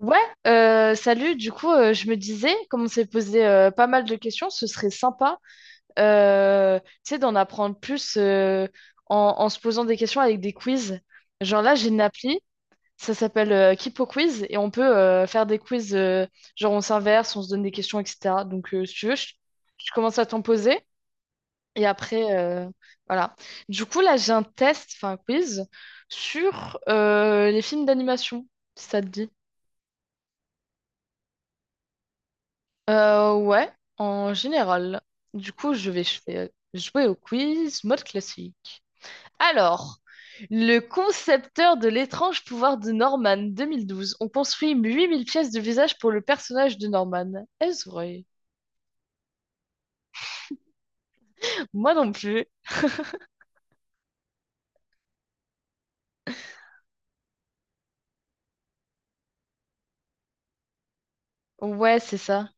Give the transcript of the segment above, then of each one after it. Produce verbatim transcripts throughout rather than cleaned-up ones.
Ouais, euh, salut. Du coup, euh, je me disais, comme on s'est posé euh, pas mal de questions, ce serait sympa, euh, tu sais, d'en apprendre plus euh, en, en se posant des questions avec des quiz. Genre là, j'ai une appli, ça s'appelle euh, Kipo Quiz, et on peut euh, faire des quiz, euh, genre on s'inverse, on se donne des questions, et cetera. Donc, euh, si tu veux, je, je commence à t'en poser, et après, euh, voilà. Du coup, là, j'ai un test, enfin un quiz, sur euh, les films d'animation, si ça te dit. Euh, ouais, en général. Du coup, je vais ch- euh, jouer au quiz mode classique. Alors, le concepteur de l'étrange pouvoir de Norman deux mille douze, on construit huit mille pièces de visage pour le personnage de Norman. Est-ce vrai? Moi non plus. Ouais, c'est ça.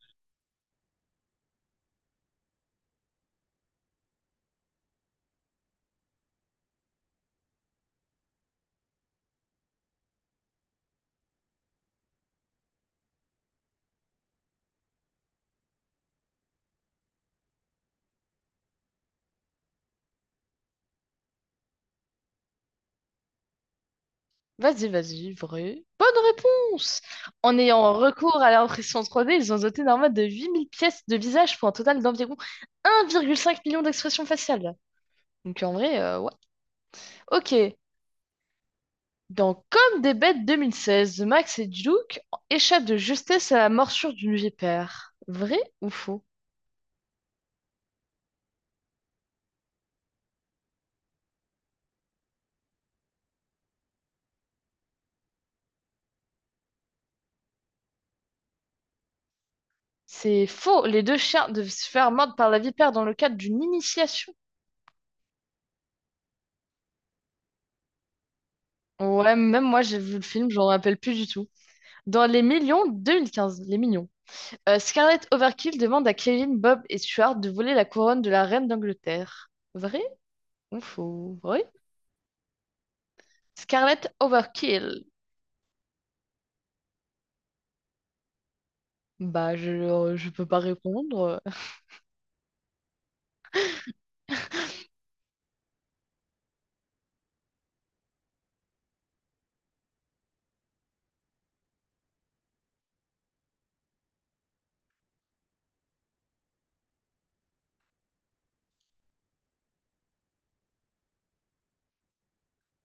Vas-y, vas-y, vrai. Bonne réponse! En ayant recours à l'impression trois D, ils ont doté Norman de huit mille pièces de visage pour un total d'environ un virgule cinq million d'expressions faciales. Donc en vrai, euh, ouais. Ok. Dans Comme des bêtes deux mille seize, Max et Duke échappent de justesse à la morsure d'une vipère. Vrai ou faux? C'est faux. Les deux chiens devaient se faire mordre par la vipère dans le cadre d'une initiation. Ouais, même moi j'ai vu le film, j'en rappelle plus du tout. Dans Les Millions deux mille quinze, Les Millions, euh, Scarlett Overkill demande à Kevin, Bob et Stuart de voler la couronne de la reine d'Angleterre. Vrai ou faux? Vrai? Scarlett Overkill. Bah, je, euh, je peux pas répondre.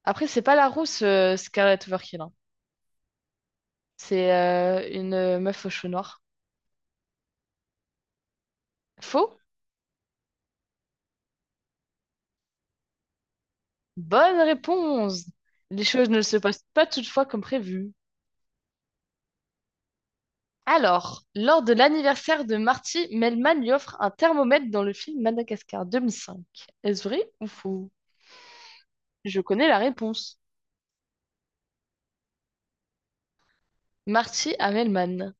Après, c'est pas la rousse euh, Scarlett Overkill, hein. C'est euh, une euh, meuf aux cheveux noirs. Faux? Bonne réponse! Les choses ne se passent pas toutefois comme prévu. Alors, lors de l'anniversaire de Marty, Melman lui offre un thermomètre dans le film Madagascar deux mille cinq. Est-ce vrai ou faux? Je connais la réponse. Marty à Melman.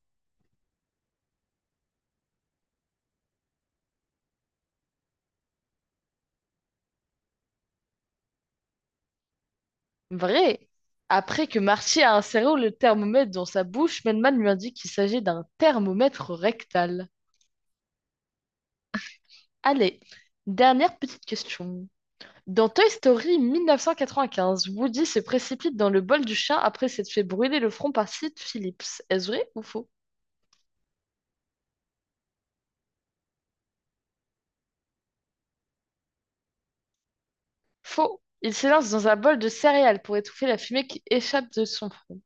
Vrai! Après que Marty a inséré le thermomètre dans sa bouche, Melman lui indique qu'il s'agit d'un thermomètre rectal. Allez, dernière petite question. Dans Toy Story mille neuf cent quatre-vingt-quinze, Woody se précipite dans le bol du chien après s'être fait brûler le front par Sid Phillips. Est-ce vrai ou faux? Faux. Il s'élance dans un bol de céréales pour étouffer la fumée qui échappe de son front.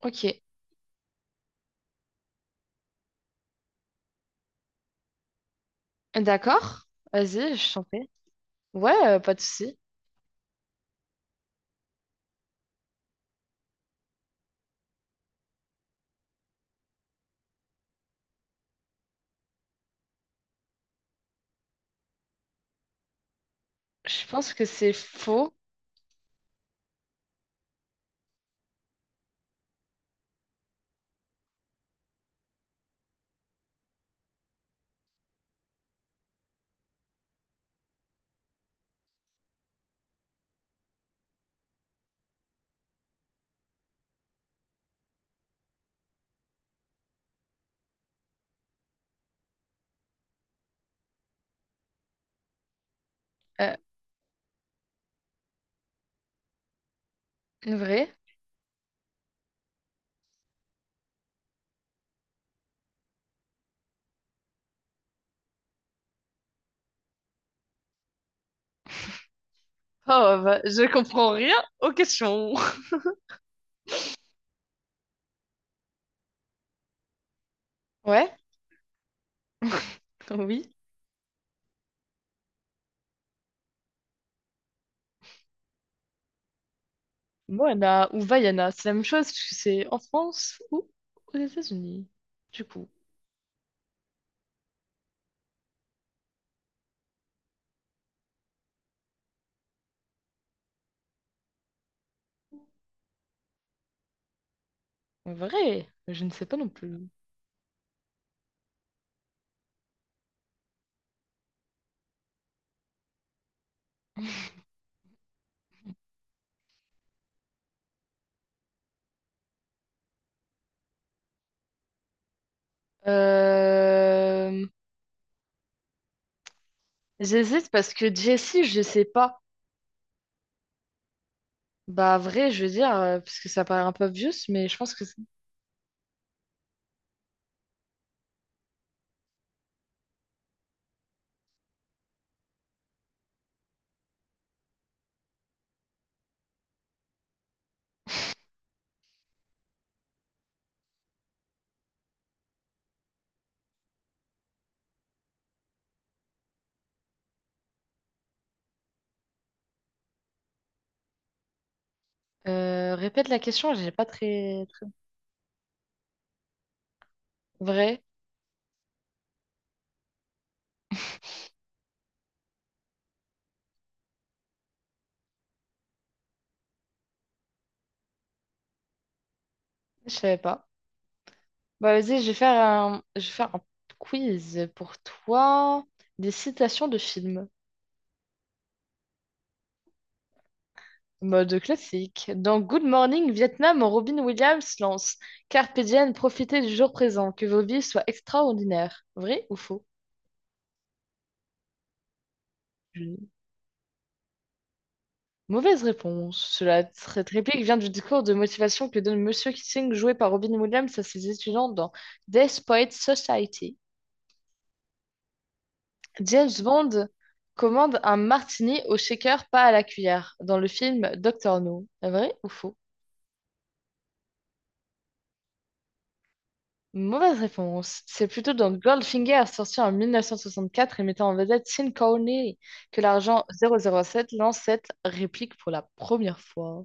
Ok. D'accord. Vas-y, je t'en prie. Ouais, euh, pas de souci. Je pense que c'est faux. Euh, Vrai. Oh, bah, je comprends rien aux questions. Ouais, oui. Moana ou Vaiana, c'est la même chose, parce que c'est en France ou aux États-Unis. Du coup. Vrai, je ne sais pas non plus. Euh, J'hésite parce que Jessie, je sais pas. Bah vrai, je veux dire, euh, parce que ça paraît un peu obvious, mais je pense que c'est- Euh, répète la question, j'ai pas très... très- Vrai, je savais pas. Bah vas-y, je vais faire un... je vais faire un quiz pour toi. Des citations de films. Mode classique. Dans Good Morning Vietnam, Robin Williams lance Carpe diem, profitez du jour présent, que vos vies soient extraordinaires. Vrai ou faux? Mauvaise réponse. Cela, cette réplique vient du discours de motivation que donne Monsieur Keating, joué par Robin Williams, à ses étudiants dans Death Poets Society. James Bond commande un martini au shaker, pas à la cuillère, dans le film Doctor No. Vrai ou faux? Mauvaise réponse. C'est plutôt dans Goldfinger, sorti en mille neuf cent soixante-quatre et mettant en vedette Sean Connery, que l'argent zéro zéro sept lance cette réplique pour la première fois.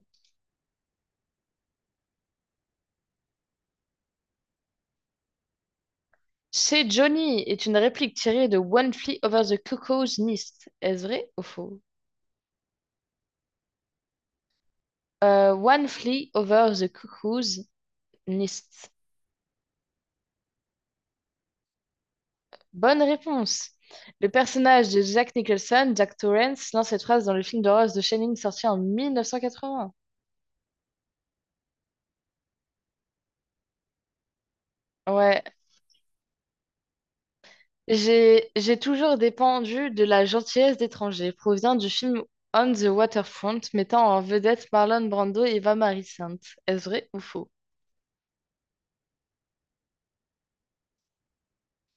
Chez Johnny est une réplique tirée de One Flew Over the Cuckoo's Nest. Est-ce vrai ou faux? Euh, One Flew Over the Cuckoo's Nest. Bonne réponse. Le personnage de Jack Nicholson, Jack Torrance, lance cette phrase dans le film d'horreur de Shining sorti en mille neuf cent quatre-vingts. Ouais, j'ai j'ai toujours dépendu de la gentillesse d'étrangers, provient du film On the Waterfront, mettant en vedette Marlon Brando et Eva Marie Saint. Est-ce vrai ou faux?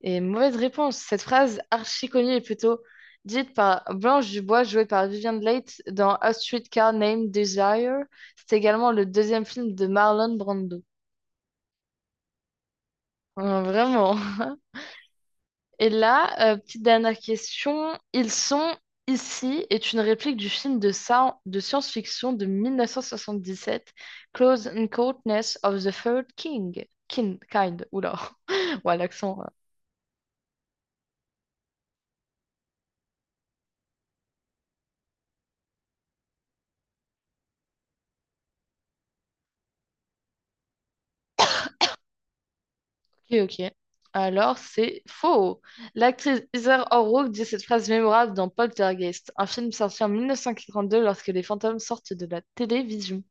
Et mauvaise réponse. Cette phrase archi connue est plutôt dite par Blanche Dubois, jouée par Vivian Leigh dans A Streetcar Named Desire. C'est également le deuxième film de Marlon Brando. Euh, Vraiment. Et là, euh, petite dernière question. Ils sont ici est une réplique du film de, sa- de science-fiction de mille neuf cent soixante-dix-sept, Close Encounters of the Third King. Kin- kind, oula, ouais, l'accent. euh, Ok, ok. Alors, c'est faux. L'actrice Heather O'Rourke dit cette phrase mémorable dans Poltergeist, un film sorti en mille neuf cent quarante-deux lorsque les fantômes sortent de la télévision.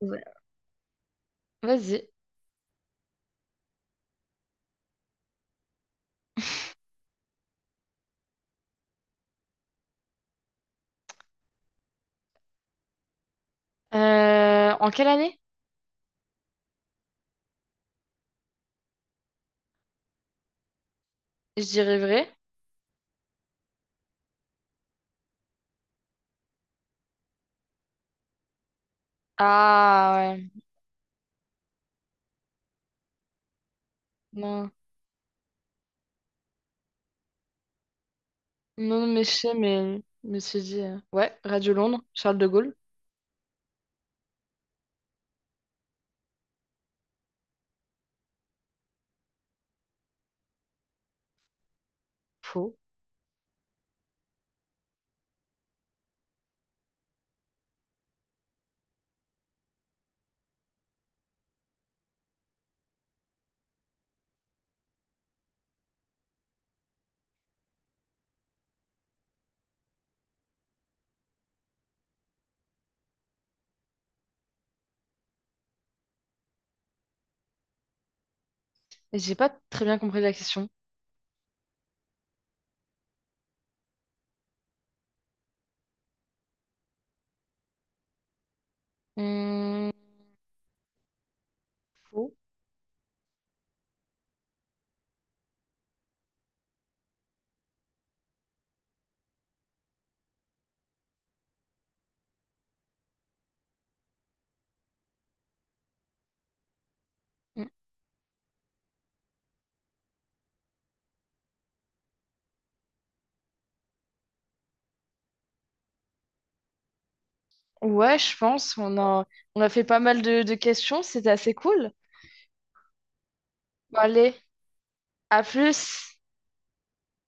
Ouais. Vas-y. Euh, en quelle année? Je dirais vrai. Ah ouais. Non. Non, mais je sais, mais je me suis dit, euh, ouais, Radio Londres, Charles de Gaulle. Faux. Et j'ai pas très bien compris la question. Hum, faux. Hum. Ouais, je pense. On a, on a fait pas mal de, de questions. C'était assez cool. Bon, allez, à plus.